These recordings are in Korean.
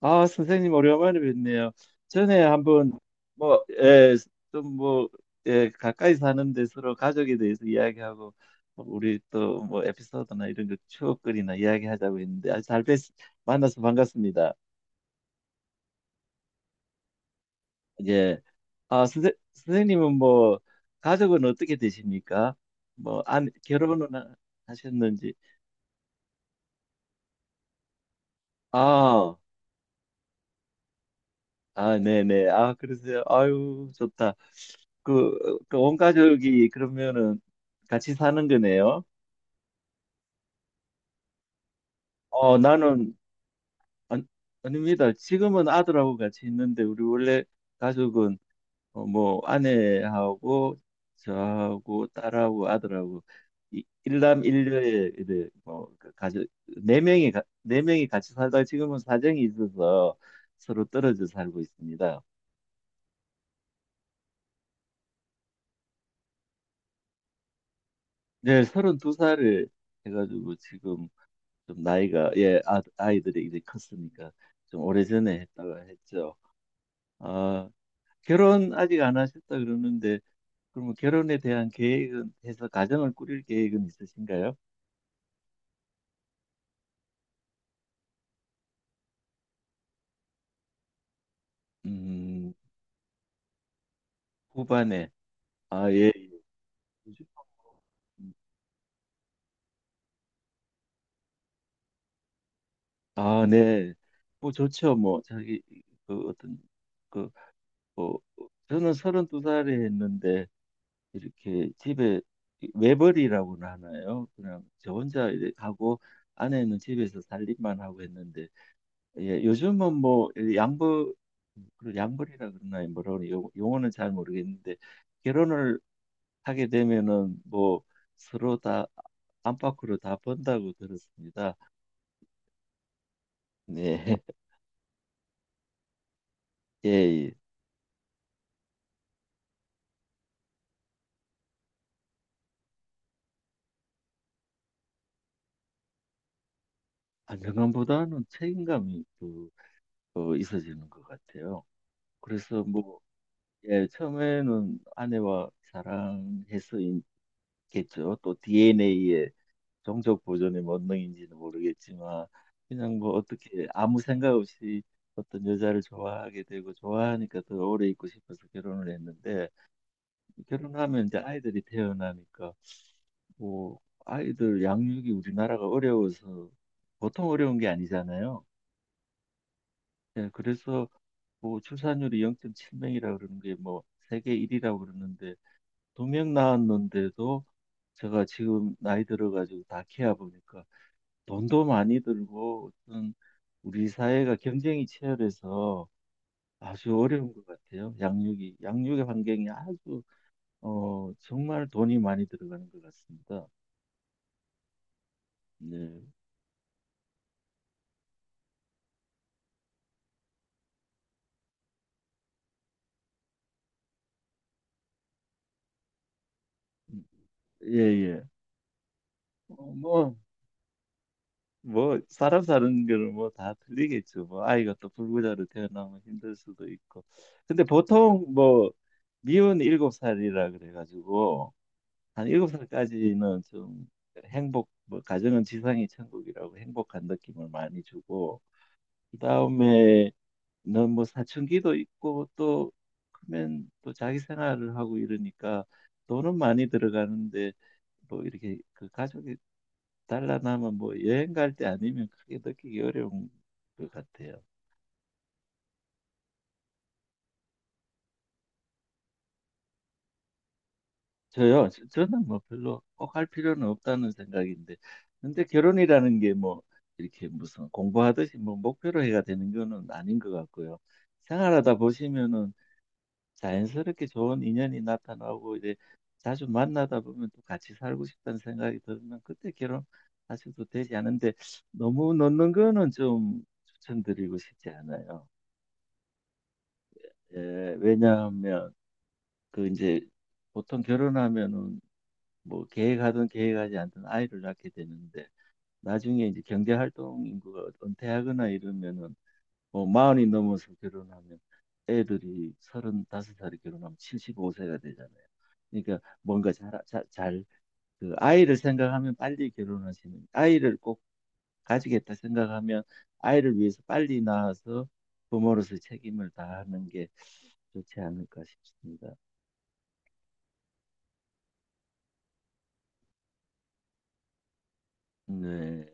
아, 선생님 오랜만에 뵙네요. 전에 한번 뭐, 예, 좀 뭐, 예, 가까이 사는데 서로 가족에 대해서 이야기하고 우리 또 뭐 에피소드나 이런 거 추억거리나 이야기하자고 했는데 아주 잘 뵙, 만나서 반갑습니다. 예. 아, 선생님은 뭐 가족은 어떻게 되십니까? 뭐, 안, 결혼은 하셨는지. 아, 아, 네네. 아, 그러세요. 아유, 좋다. 그, 그온 가족이 그러면은 같이 사는 거네요. 어, 나는, 아, 아닙니다. 지금은 아들하고 같이 있는데, 우리 원래 가족은, 어, 뭐, 아내하고, 저하고, 딸하고, 아들하고, 일남일녀의, 이제 뭐, 그 가족, 네 명이, 네 명이 같이 살다가 지금은 사정이 있어서 서로 떨어져 살고 있습니다. 네, 서른 두 살에 해가지고 지금, 좀 나이가 예 아, 아이들이 이제 컸으니까 좀 오래전에 했다가 했죠. 아 결혼 아직 안 하셨다 그러는데 그러면 결혼에 대한 계획은 해서 가정을 꾸릴 계획은 있으신가요? 음 후반에 아 예. 아, 네. 뭐 좋죠. 뭐 자기 그 어떤 그뭐 저는 32살에 했는데 이렇게 집에 외벌이라고는 하나요? 그냥 저 혼자 이렇게 하고 아내는 집에서 살림만 하고 했는데 예, 요즘은 뭐 양부 그 양벌이라 그러나요? 뭐라고 그러나 요 용어는 잘 모르겠는데 결혼을 하게 되면은 뭐 서로 다 안팎으로 다 번다고 들었습니다. 네, 예, 예. 안정감보다는 책임감이 또 어, 있어지는 것 같아요. 그래서 뭐 예, 처음에는 아내와 사랑해서겠죠. 또 DNA의 종족 보존의 본능인지는 모르겠지만 그냥 뭐 어떻게 아무 생각 없이 어떤 여자를 좋아하게 되고 좋아하니까 더 오래 있고 싶어서 결혼을 했는데 결혼하면 이제 아이들이 태어나니까 뭐 아이들 양육이 우리나라가 어려워서 보통 어려운 게 아니잖아요. 예, 그래서 뭐 출산율이 0.7명이라 그러는 게 뭐 세계 1위라고 그러는데 두 명 낳았는데도 제가 지금 나이 들어가지고 다 키워 보니까 돈도 많이 들고 어떤 우리 사회가 경쟁이 치열해서 아주 어려운 것 같아요. 양육이 양육의 환경이 아주 어 정말 돈이 많이 들어가는 것 같습니다. 네, 예예. 뭐 뭐 사람 사는 거는 뭐 다 틀리겠죠. 뭐 아이가 또 불구자로 태어나면 힘들 수도 있고. 근데 보통 뭐 미운 일곱 살이라 그래가지고 한 일곱 살까지는 좀 행복, 뭐 가정은 지상이 천국이라고 행복한 느낌을 많이 주고 그다음에는 뭐 사춘기도 있고 또 크면 또 자기 생활을 하고 이러니까 돈은 많이 들어가는데 뭐 이렇게 그 가족이 달라나면 뭐 여행 갈 때 아니면 크게 느끼기 어려운 것 같아요. 저요? 저는 뭐 별로 꼭 할 필요는 없다는 생각인데, 근데 결혼이라는 게 뭐 이렇게 무슨 공부하듯이 뭐 목표로 해야 되는 거는 아닌 것 같고요. 생활하다 보시면은 자연스럽게 좋은 인연이 나타나고 이제 자주 만나다 보면 또 같이 살고 싶다는 생각이 들면 그때 결혼하셔도 되지 않은데 너무 넣는 거는 좀 추천드리고 싶지 않아요. 예, 왜냐하면 그 이제 보통 결혼하면은 뭐 계획하든 계획하지 않든 아이를 낳게 되는데 나중에 이제 경제활동 인구가 은퇴하거나 이러면은 뭐 마흔이 넘어서 결혼하면 애들이 서른다섯 살에 결혼하면 75세가 되잖아요. 그러니까 뭔가 잘, 그 아이를 생각하면 빨리 결혼하시는, 아이를 꼭 가지겠다 생각하면 아이를 위해서 빨리 낳아서 부모로서 책임을 다하는 게 좋지 않을까 싶습니다. 네.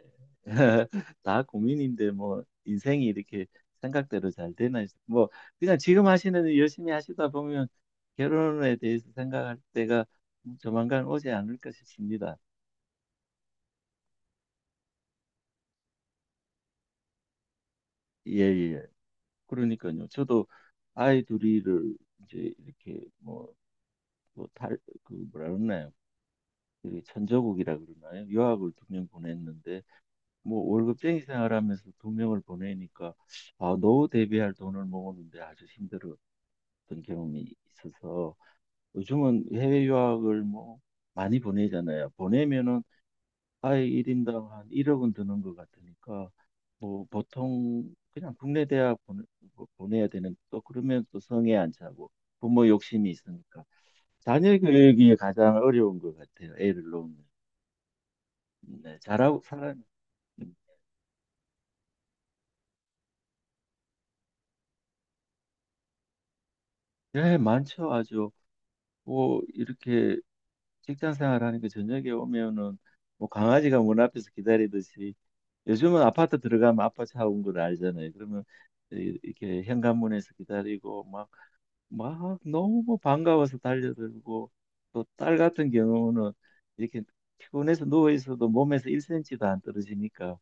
다 고민인데 뭐 인생이 이렇게 생각대로 잘 되나 뭐 그냥 지금 하시는 일 열심히 하시다 보면 결혼에 대해서 생각할 때가 조만간 오지 않을까 싶습니다. 예, 예. 그러니까요. 저도 아이 둘이를 이제 이렇게 뭐, 뭐 달, 그 뭐라 그러나요? 이게 천조국이라 그러나요? 유학을 두 명 보냈는데 뭐 월급쟁이 생활하면서 두 명을 보내니까 아, 노후 대비할 돈을 모으는데 아주 힘들어 어떤 경험이 있어서 요즘은 해외 유학을 뭐 많이 보내잖아요. 보내면은 아예 1인당 한 1억 은 드는 것 같으니까 뭐 보통 그냥 국내 대학 보내, 뭐 보내야 되는 또 그러면 또 성에 안 차고 부모 욕심이 있으니까 자녀 교육이 가장 어려운 것 같아요. 애를 놓으면. 네, 잘하고 사람 음, 네, 많죠. 아주 뭐 이렇게 직장 생활하니까 저녁에 오면은 뭐 강아지가 문 앞에서 기다리듯이 요즘은 아파트 들어가면 아빠 차 온 걸 알잖아요. 그러면 이렇게 현관문에서 기다리고 막, 막 너무 반가워서 달려들고 또 딸 같은 경우는 이렇게 피곤해서 누워 있어도 몸에서 1cm도 안 떨어지니까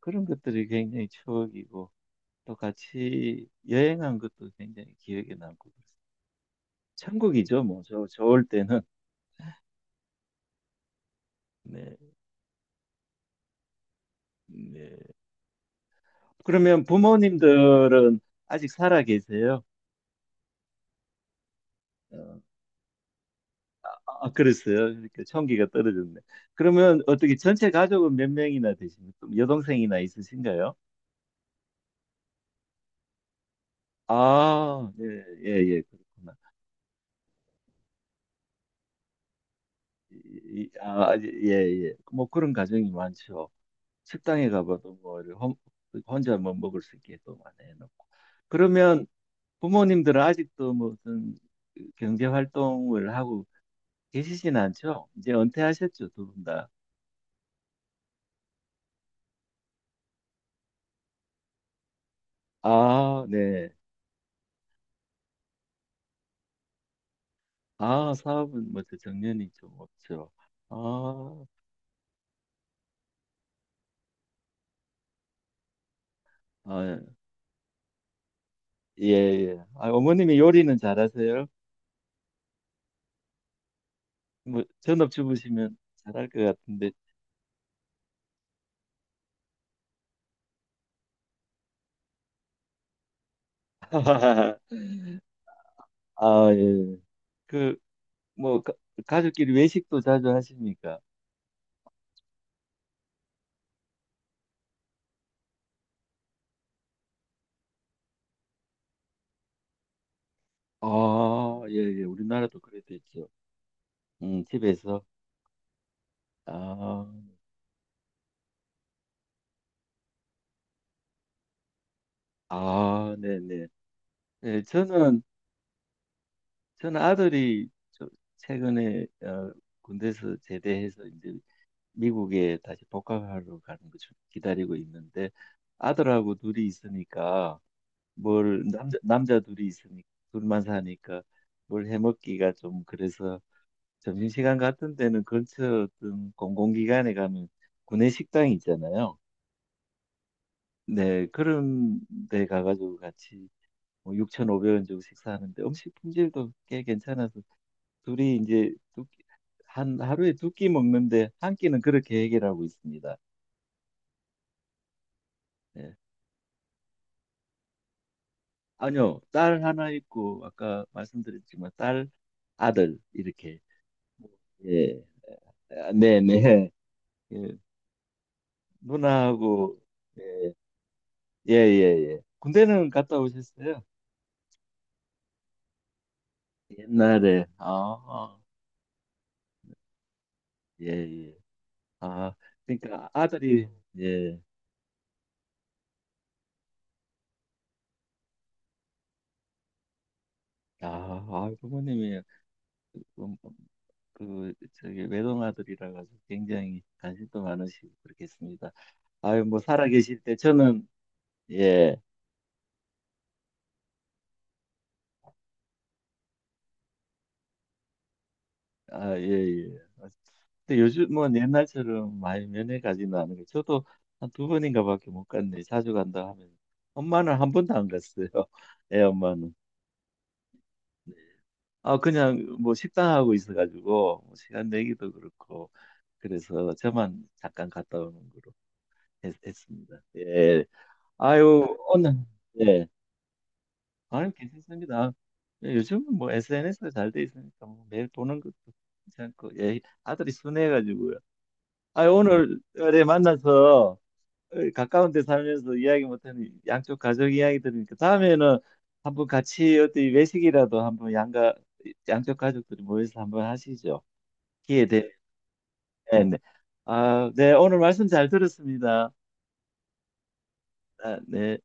그런 것들이 굉장히 추억이고 또 같이 여행한 것도 굉장히 기억에 남고 그래서 천국이죠. 뭐 저, 좋을 때는 네, 네. 그러면 부모님들은 아직 살아 계세요? 어. 아, 그랬어요. 그러니까 총기가 떨어졌네. 그러면 어떻게 전체 가족은 몇 명이나 되십니까? 여동생이나 있으신가요? 아, 예, 예, 예, 그렇구나. 이- 아, 아, 예, 예. 뭐 그런 가정이 많죠. 식당에 가봐도 뭐 이렇게 혼자 뭐 먹을 수 있게 또 많이 해놓고. 그러면 부모님들은 아직도 무슨 경제 활동을 하고 계시진 않죠? 이제 은퇴하셨죠, 두 분 다. 아, 네. 아, 사업은 뭐죠? 정년이 좀 없죠. 아, 아, 예, 예. 아, 어머님이 요리는 잘하세요? 뭐, 전업주부시면 잘할 것 같은데. 아, 예. 그, 뭐, 가, 가족끼리 외식도 자주 하십니까? 아, 예, 예. 우리나라도 그래 도있죠 집에서. 아, 아, 네네. 예, 저는, 저는 아들이 저- 최근에 어, 군대에서 제대해서 이제 미국에 다시 복학하러 가는 거 좀 기다리고 있는데 아들하고 둘이 있으니까 뭘 남자 둘이 있으니까 둘만 사니까 뭘 해먹기가 좀 그래서 점심시간 같은 데는 근처 어떤 공공기관에 가면 구내 식당이 있잖아요. 네, 그런 데 가가지고 같이 뭐 6,500원 주고 식사하는데 음식 품질도 꽤 괜찮아서 둘이 이제 한 하루에 두 끼 먹는데 한 끼는 그렇게 해결하고 있습니다. 네. 아니요, 딸 하나 있고, 아까 말씀드렸지만, 딸, 아들, 이렇게. 예, 아, 네, 네. 예, 누나하고, 예, 예, 예, 예. 군대는 갔다 오셨어요? 옛날에, 아, 아, 예, 예. 아, 그러니까 아들이, 예, 아, 아, 부모님이, 음, 그, 저기, 외동아들이라 가지고 굉장히 관심도 많으시고, 그렇겠습니다. 아유, 뭐, 살아 계실 때 저는, 예. 아, 예, 예. 근데 요즘은 옛날처럼 많이 면회 가지는 않은 거. 저도 한 두 번인가밖에 못 갔네. 자주 간다 하면 엄마는 한 번도 안 갔어요. 애 엄마는. 아, 그냥 뭐 식당하고 있어가지고 뭐 시간 내기도 그렇고 그래서 저만 잠깐 갔다 오는 걸로 했습니다. 예. 아유, 오늘 예. 아유 괜찮습니다. 예, 요즘은 뭐 SNS가 잘 돼 있으니까 뭐 매일 보는 것도 괜찮고 예. 아들이 순해가지고요. 아, 오늘에 만나서 어, 가까운 데 살면서 이야기 못하는 양쪽 가족 이야기 들으니까 다음에는 한번 같이 어디 외식이라도 한번 양가 양쪽 가족들이 모여서 한번 하시죠. 기회 되면. 네, 네. 아, 네, 오늘 말씀 잘 들었습니다. 아, 네.